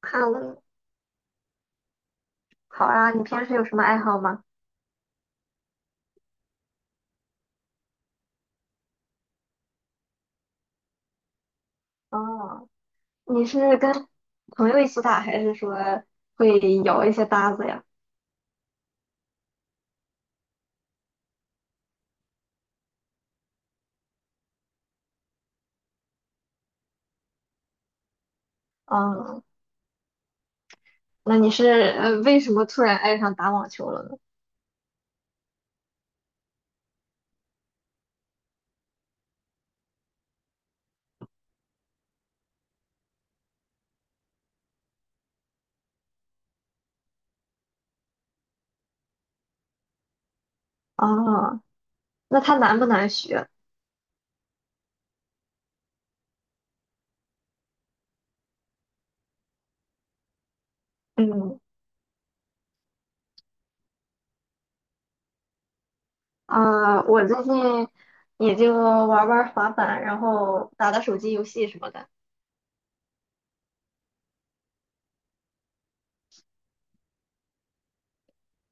看了，好啊，你平时有什么爱好吗？哦，你是跟朋友一起打，还是说会摇一些搭子呀？哦，那你是为什么突然爱上打网球了呢？哦，那它难不难学？嗯。啊、我最近也就玩玩滑板，然后打打手机游戏什么的。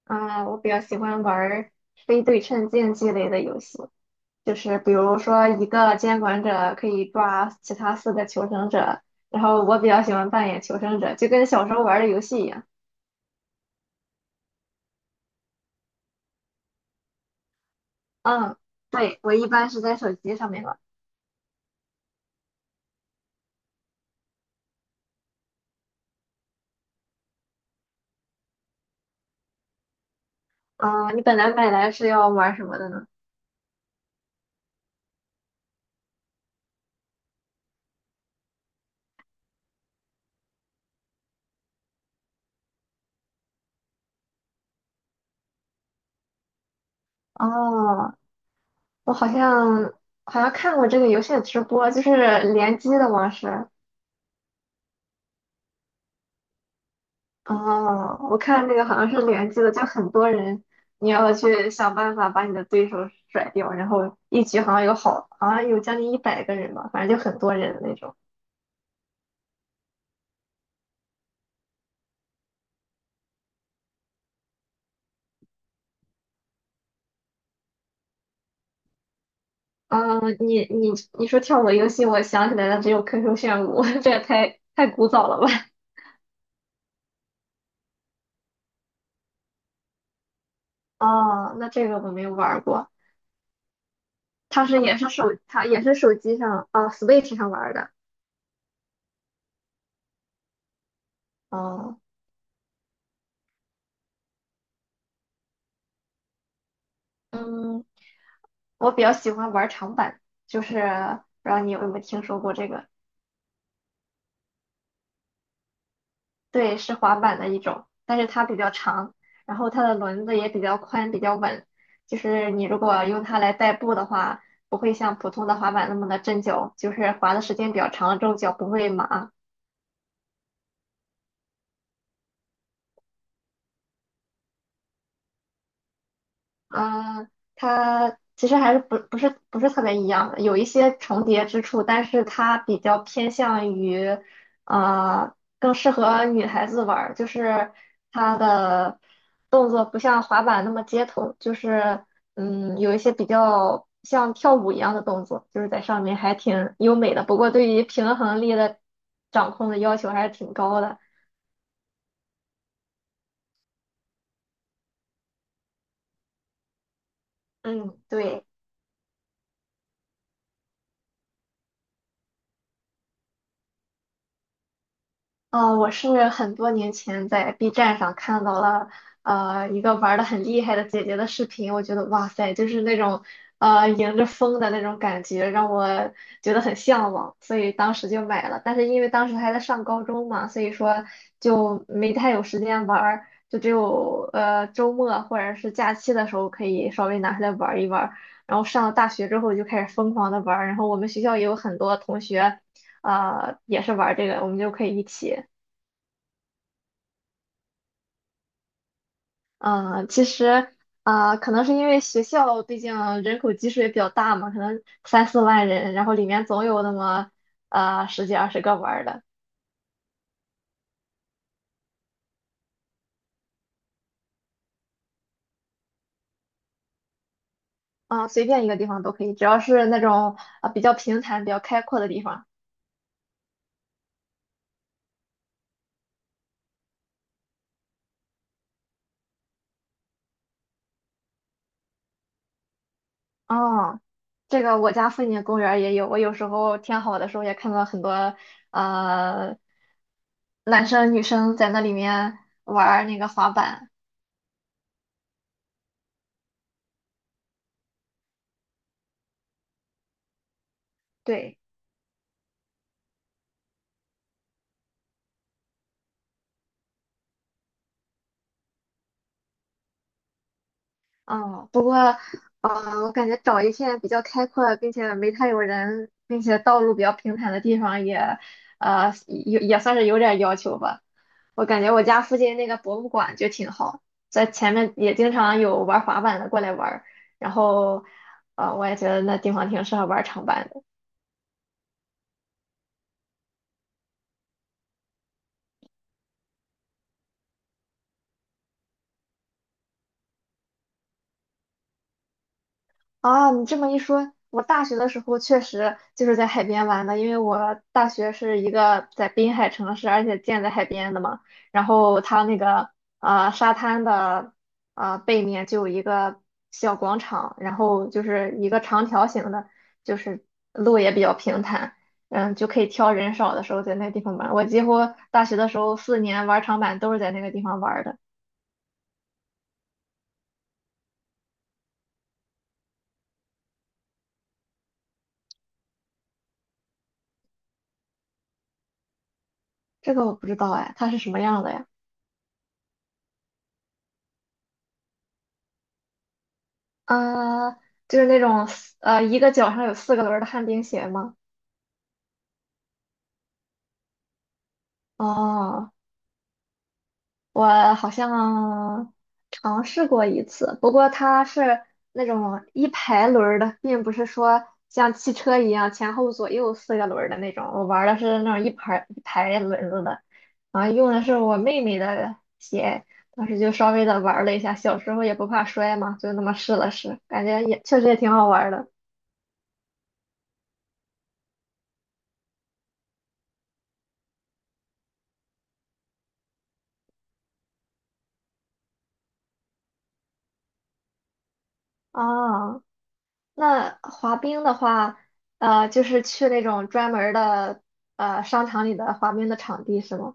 啊、我比较喜欢玩非对称竞技类的游戏。就是比如说一个监管者可以抓其他四个求生者，然后我比较喜欢扮演求生者，就跟小时候玩的游戏一样。嗯，对，我一般是在手机上面玩。嗯，你本来买来是要玩什么的呢？哦，我好像看过这个游戏的直播，就是联机的模式。哦，我看那个好像是联机的，就很多人，你要去想办法把你的对手甩掉，然后一局好像有好，好像有将近100个人吧，反正就很多人的那种。嗯，你说跳舞游戏，我想起来了，只有 QQ 炫舞，这也太古早了吧？哦，那这个我没有玩儿过，它也是手机上啊，Switch 上玩儿的。哦，嗯，我比较喜欢玩儿长板，就是不知道你有没有听说过这个。对，是滑板的一种，但是它比较长，然后它的轮子也比较宽，比较稳。就是你如果用它来代步的话，不会像普通的滑板那么的震脚，就是滑的时间比较长了之后脚不会麻。嗯，它其实还是不是特别一样的，有一些重叠之处，但是它比较偏向于，呃，更适合女孩子玩儿，就是它的动作不像滑板那么街头，就是有一些比较像跳舞一样的动作，就是在上面还挺优美的，不过对于平衡力的掌控的要求还是挺高的。嗯，对。我是很多年前在 B 站上看到了一个玩的很厉害的姐姐的视频，我觉得哇塞，就是那种迎着风的那种感觉，让我觉得很向往，所以当时就买了。但是因为当时还在上高中嘛，所以说就没太有时间玩儿，就只有周末或者是假期的时候可以稍微拿出来玩儿一玩儿。然后上了大学之后就开始疯狂的玩儿，然后我们学校也有很多同学。也是玩儿这个，我们就可以一起。嗯，其实可能是因为学校毕竟人口基数也比较大嘛，可能三四万人，然后里面总有那么十几二十个玩儿的。啊、随便一个地方都可以，只要是那种啊、比较平坦、比较开阔的地方。哦，这个我家附近的公园儿也有，我有时候天好的时候也看到很多呃男生女生在那里面玩儿那个滑板。对。哦，啊，我感觉找一片比较开阔，并且没太有人，并且道路比较平坦的地方也，也算是有点要求吧。我感觉我家附近那个博物馆就挺好，在前面也经常有玩滑板的过来玩儿。然后，我也觉得那地方挺适合玩长板的。啊，你这么一说，我大学的时候确实就是在海边玩的，因为我大学是一个在滨海城市，而且建在海边的嘛。然后它那个沙滩的背面就有一个小广场，然后就是一个长条形的，就是路也比较平坦，就可以挑人少的时候在那地方玩。我几乎大学的时候4年玩长板都是在那个地方玩的。这个我不知道哎，它是什么样的呀？啊，就是那种一个脚上有四个轮儿的旱冰鞋吗？哦，我好像尝试过一次，不过它是那种一排轮儿的，并不是说像汽车一样前后左右四个轮儿的那种。我玩儿的是那种一排一排轮子的，然后用的是我妹妹的鞋，当时就稍微的玩儿了一下，小时候也不怕摔嘛，就那么试了试，感觉也确实也挺好玩儿的。啊。那滑冰的话，就是去那种专门儿的商场里的滑冰的场地是吗？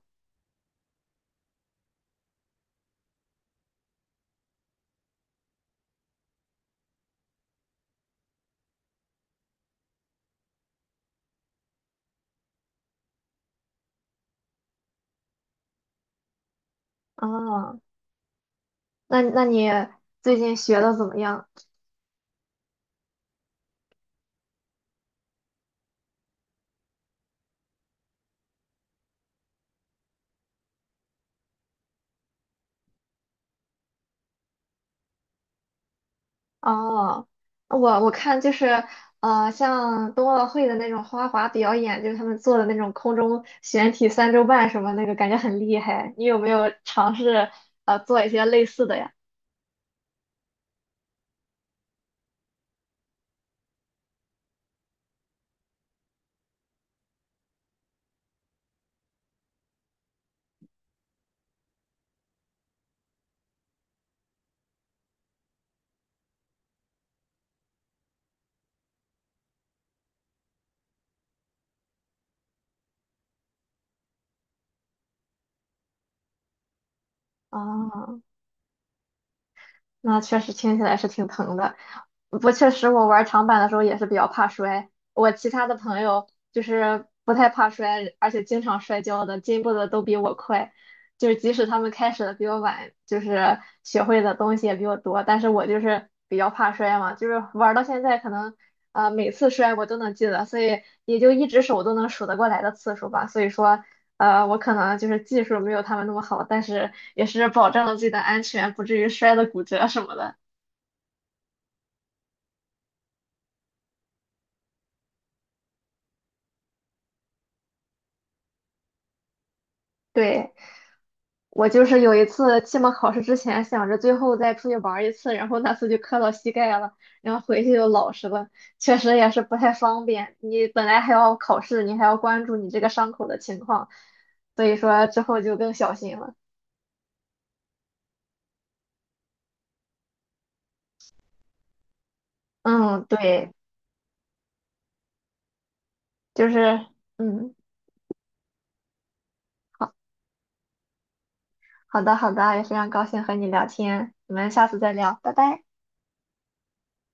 啊，那你最近学的怎么样？哦，我看就是像冬奥会的那种花滑表演，就是他们做的那种空中悬体三周半什么那个，感觉很厉害。你有没有尝试做一些类似的呀？啊。那确实听起来是挺疼的。不过确实，我玩长板的时候也是比较怕摔。我其他的朋友就是不太怕摔，而且经常摔跤的，进步的都比我快。就是即使他们开始的比我晚，就是学会的东西也比我多，但是我就是比较怕摔嘛，就是玩到现在可能每次摔我都能记得，所以也就一只手都能数得过来的次数吧。所以说我可能就是技术没有他们那么好，但是也是保证了自己的安全，不至于摔得骨折什么的。对，我就是有一次期末考试之前想着最后再出去玩儿一次，然后那次就磕到膝盖了，然后回去就老实了，确实也是不太方便。你本来还要考试，你还要关注你这个伤口的情况，所以说之后就更小心了。嗯，对，就是嗯，好好的好的，也非常高兴和你聊天，我们下次再聊，拜拜。